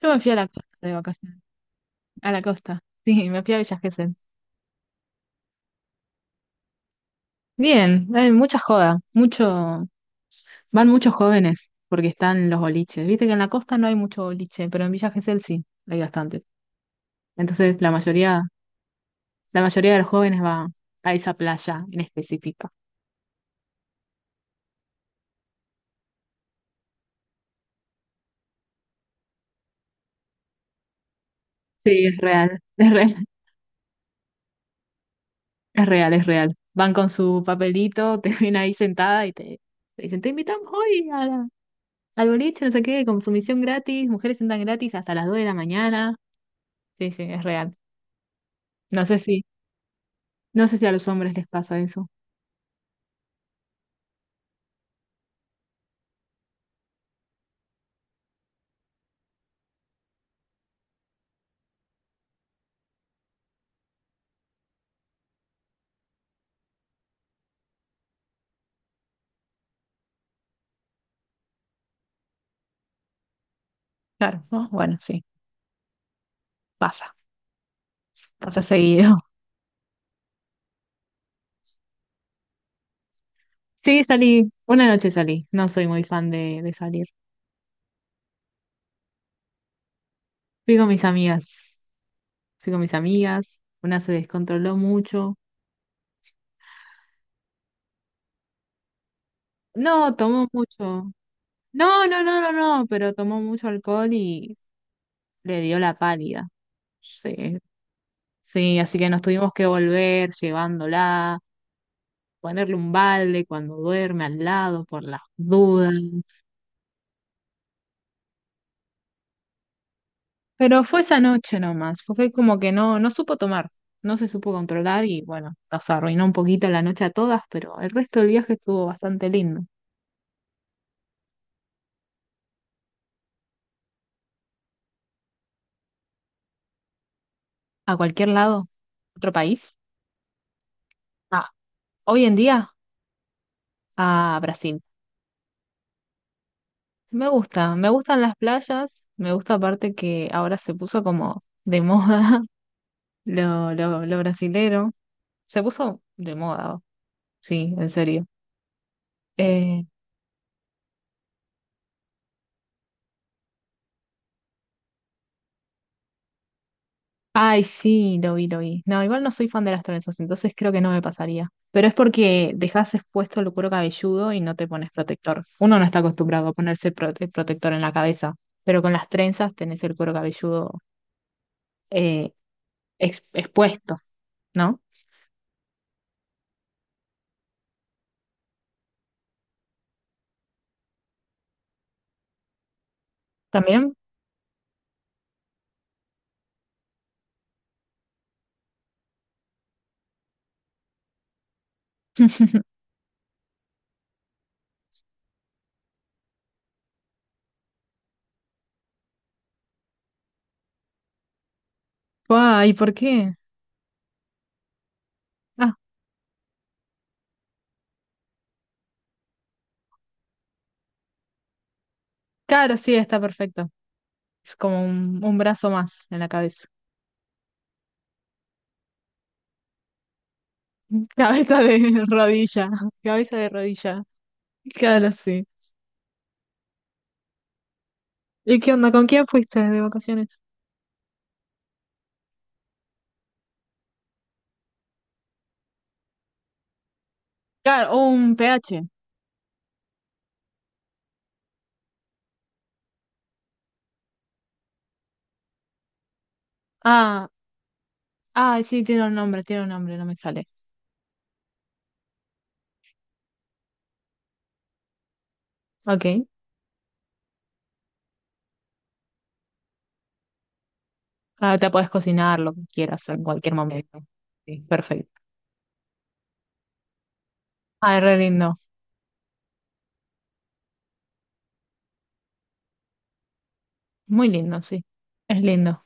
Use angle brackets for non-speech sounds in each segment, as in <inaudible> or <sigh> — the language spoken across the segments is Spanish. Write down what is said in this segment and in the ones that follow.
Yo me fui a la costa de vacaciones. A la costa. <laughs> Sí, me fui a Villa Gesell. Bien, hay mucha joda. Van muchos jóvenes porque están los boliches. Viste que en la costa no hay mucho boliche, pero en Villa Gesell sí, hay bastante. Entonces la mayoría de los jóvenes va a esa playa en específica. Sí, es real, <laughs> es real, es real, es real. Van con su papelito, <laughs> te ven ahí sentada y te dicen, te invitamos hoy a al boliche, no sé qué, consumición gratis, mujeres sentan gratis hasta las 2 de la mañana. Sí, sí, es real. No sé si, no sé si a los hombres les pasa eso. Claro, ¿no? Bueno, sí, pasa, pasa seguido. <laughs> Sí, salí, una noche salí, no soy muy fan de salir. Fui con mis amigas, Fui con mis amigas, una se descontroló mucho. No, tomó mucho. No, no, no, no, no, pero tomó mucho alcohol y le dio la pálida. Sí, sí, así que nos tuvimos que volver llevándola, ponerle un balde cuando duerme al lado por las dudas. Pero fue esa noche nomás, fue como que no, no supo tomar, no se supo controlar y bueno, nos arruinó un poquito la noche a todas, pero el resto del viaje estuvo bastante lindo. A cualquier lado, otro país. Ah, hoy en día, a Brasil. Me gusta, me gustan las playas, me gusta aparte que ahora se puso como de moda <laughs> lo brasilero. Se puso de moda, sí, en serio. Eh, Ay, sí, lo vi, lo vi. No, igual no soy fan de las trenzas, entonces creo que no me pasaría. Pero es porque dejas expuesto el cuero cabelludo y no te pones protector. Uno no está acostumbrado a ponerse protector en la cabeza, pero con las trenzas tenés el cuero cabelludo eh, expuesto, ¿no? ¿También? <laughs> Ay, ¿por qué? Ah, claro, sí, está perfecto. Es como un brazo más en la cabeza. <laughs> Cabeza de rodilla, <laughs> cabeza de rodilla. Claro, sí. ¿Y qué onda? ¿Con quién fuiste de vacaciones? Claro, un pH. Ah, ah, sí, tiene un nombre, no me sale. Ok. Ah, te puedes cocinar lo que quieras en cualquier momento. Sí. Perfecto. Ah, re lindo. Muy lindo, sí. Es lindo.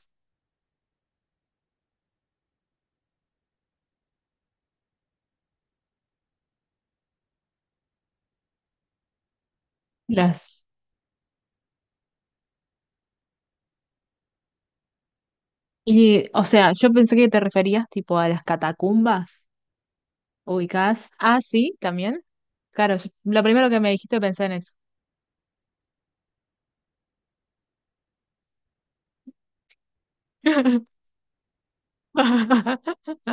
Las... Y, o sea, yo pensé que te referías tipo a las catacumbas ubicadas. Ah, sí, también. Claro, lo primero que me dijiste pensé en eso. <laughs>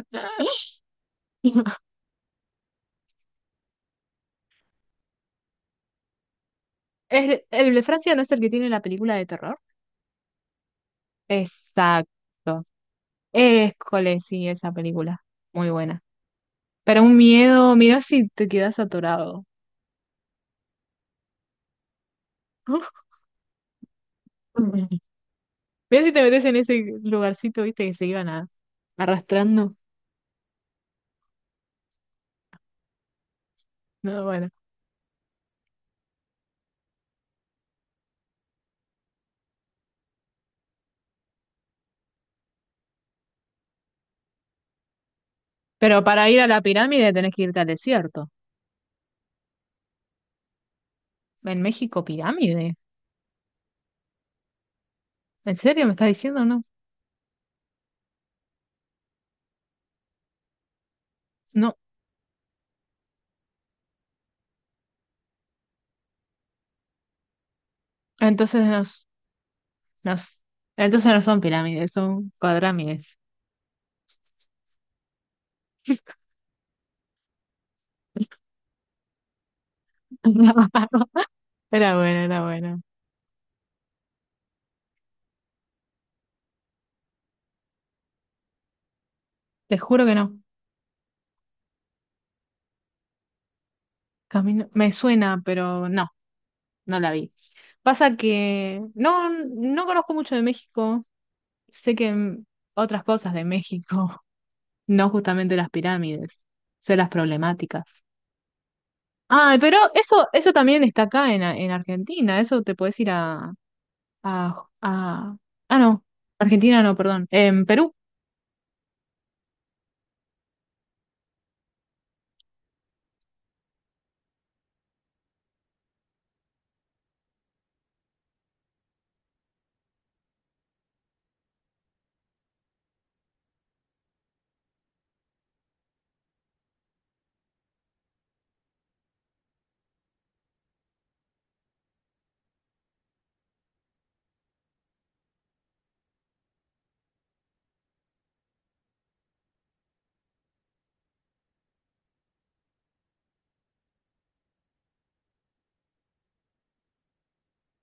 ¿El de Francia no es el que tiene la película de terror? Exacto. École, sí, esa película. Muy buena. Pero un miedo, mira si te quedas atorado. <laughs> Mira si te metes en ese lugarcito, viste, que se iban a, arrastrando. No, bueno. Pero para ir a la pirámide tenés que irte al desierto. En México, pirámide. ¿En serio me estás diciendo? No. No. Entonces nos, nos, entonces no son pirámides, son cuadrámides. <laughs> Era bueno, era bueno. Te juro que no. Camino, me suena, pero no. No la vi. Pasa que no, no conozco mucho de México. Sé que otras cosas de México, <laughs> no justamente las pirámides, sé las problemáticas. Ah, pero eso también está acá en, en Argentina. Eso te puedes ir a, a- Ah, no. Argentina no, perdón. En Perú,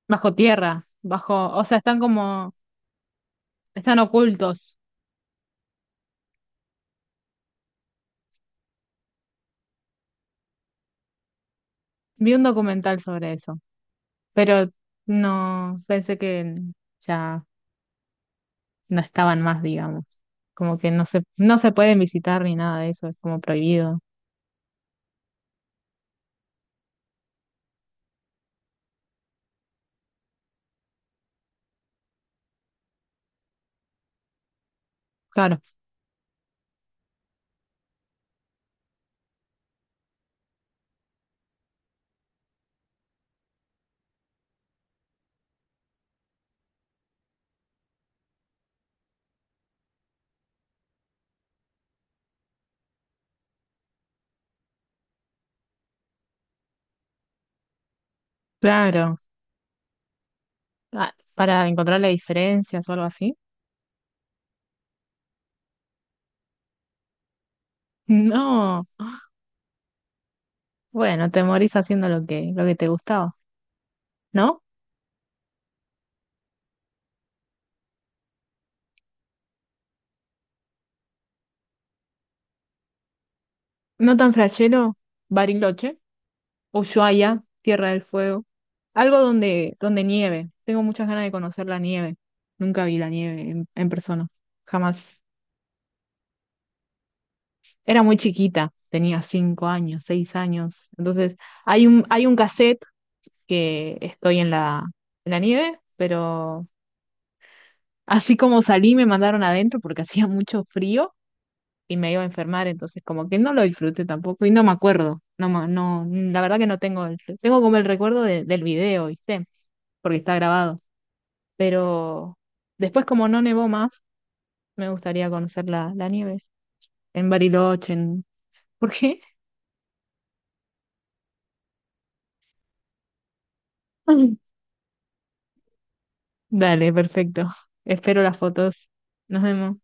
bajo tierra, bajo. O sea, están como. Están ocultos. Vi un documental sobre eso, pero no pensé que ya no estaban más, digamos. Como que no se, no se pueden visitar ni nada de eso, es como prohibido. Claro, claro. Ah, para encontrar las diferencias o algo así. <laughs> No. Bueno, te morís haciendo lo que te gustaba, ¿no? No tan flashero, Bariloche, Ushuaia, Tierra del Fuego. Algo donde nieve. Tengo muchas ganas de conocer la nieve. Nunca vi la nieve en persona. Jamás. Era muy chiquita, tenía 5 años, 6 años. Entonces, hay un cassette que estoy en la nieve, pero así como salí me mandaron adentro porque <laughs> hacía mucho frío y me iba a enfermar, entonces como que no lo disfruté tampoco y no me acuerdo, no, no, la verdad que no tengo, tengo como el recuerdo del video, ¿viste? Porque está grabado, pero después como no nevó más, me gustaría conocer la, la nieve en Bariloche. ¿Por qué? <laughs> Dale, perfecto. Espero las fotos. Nos vemos.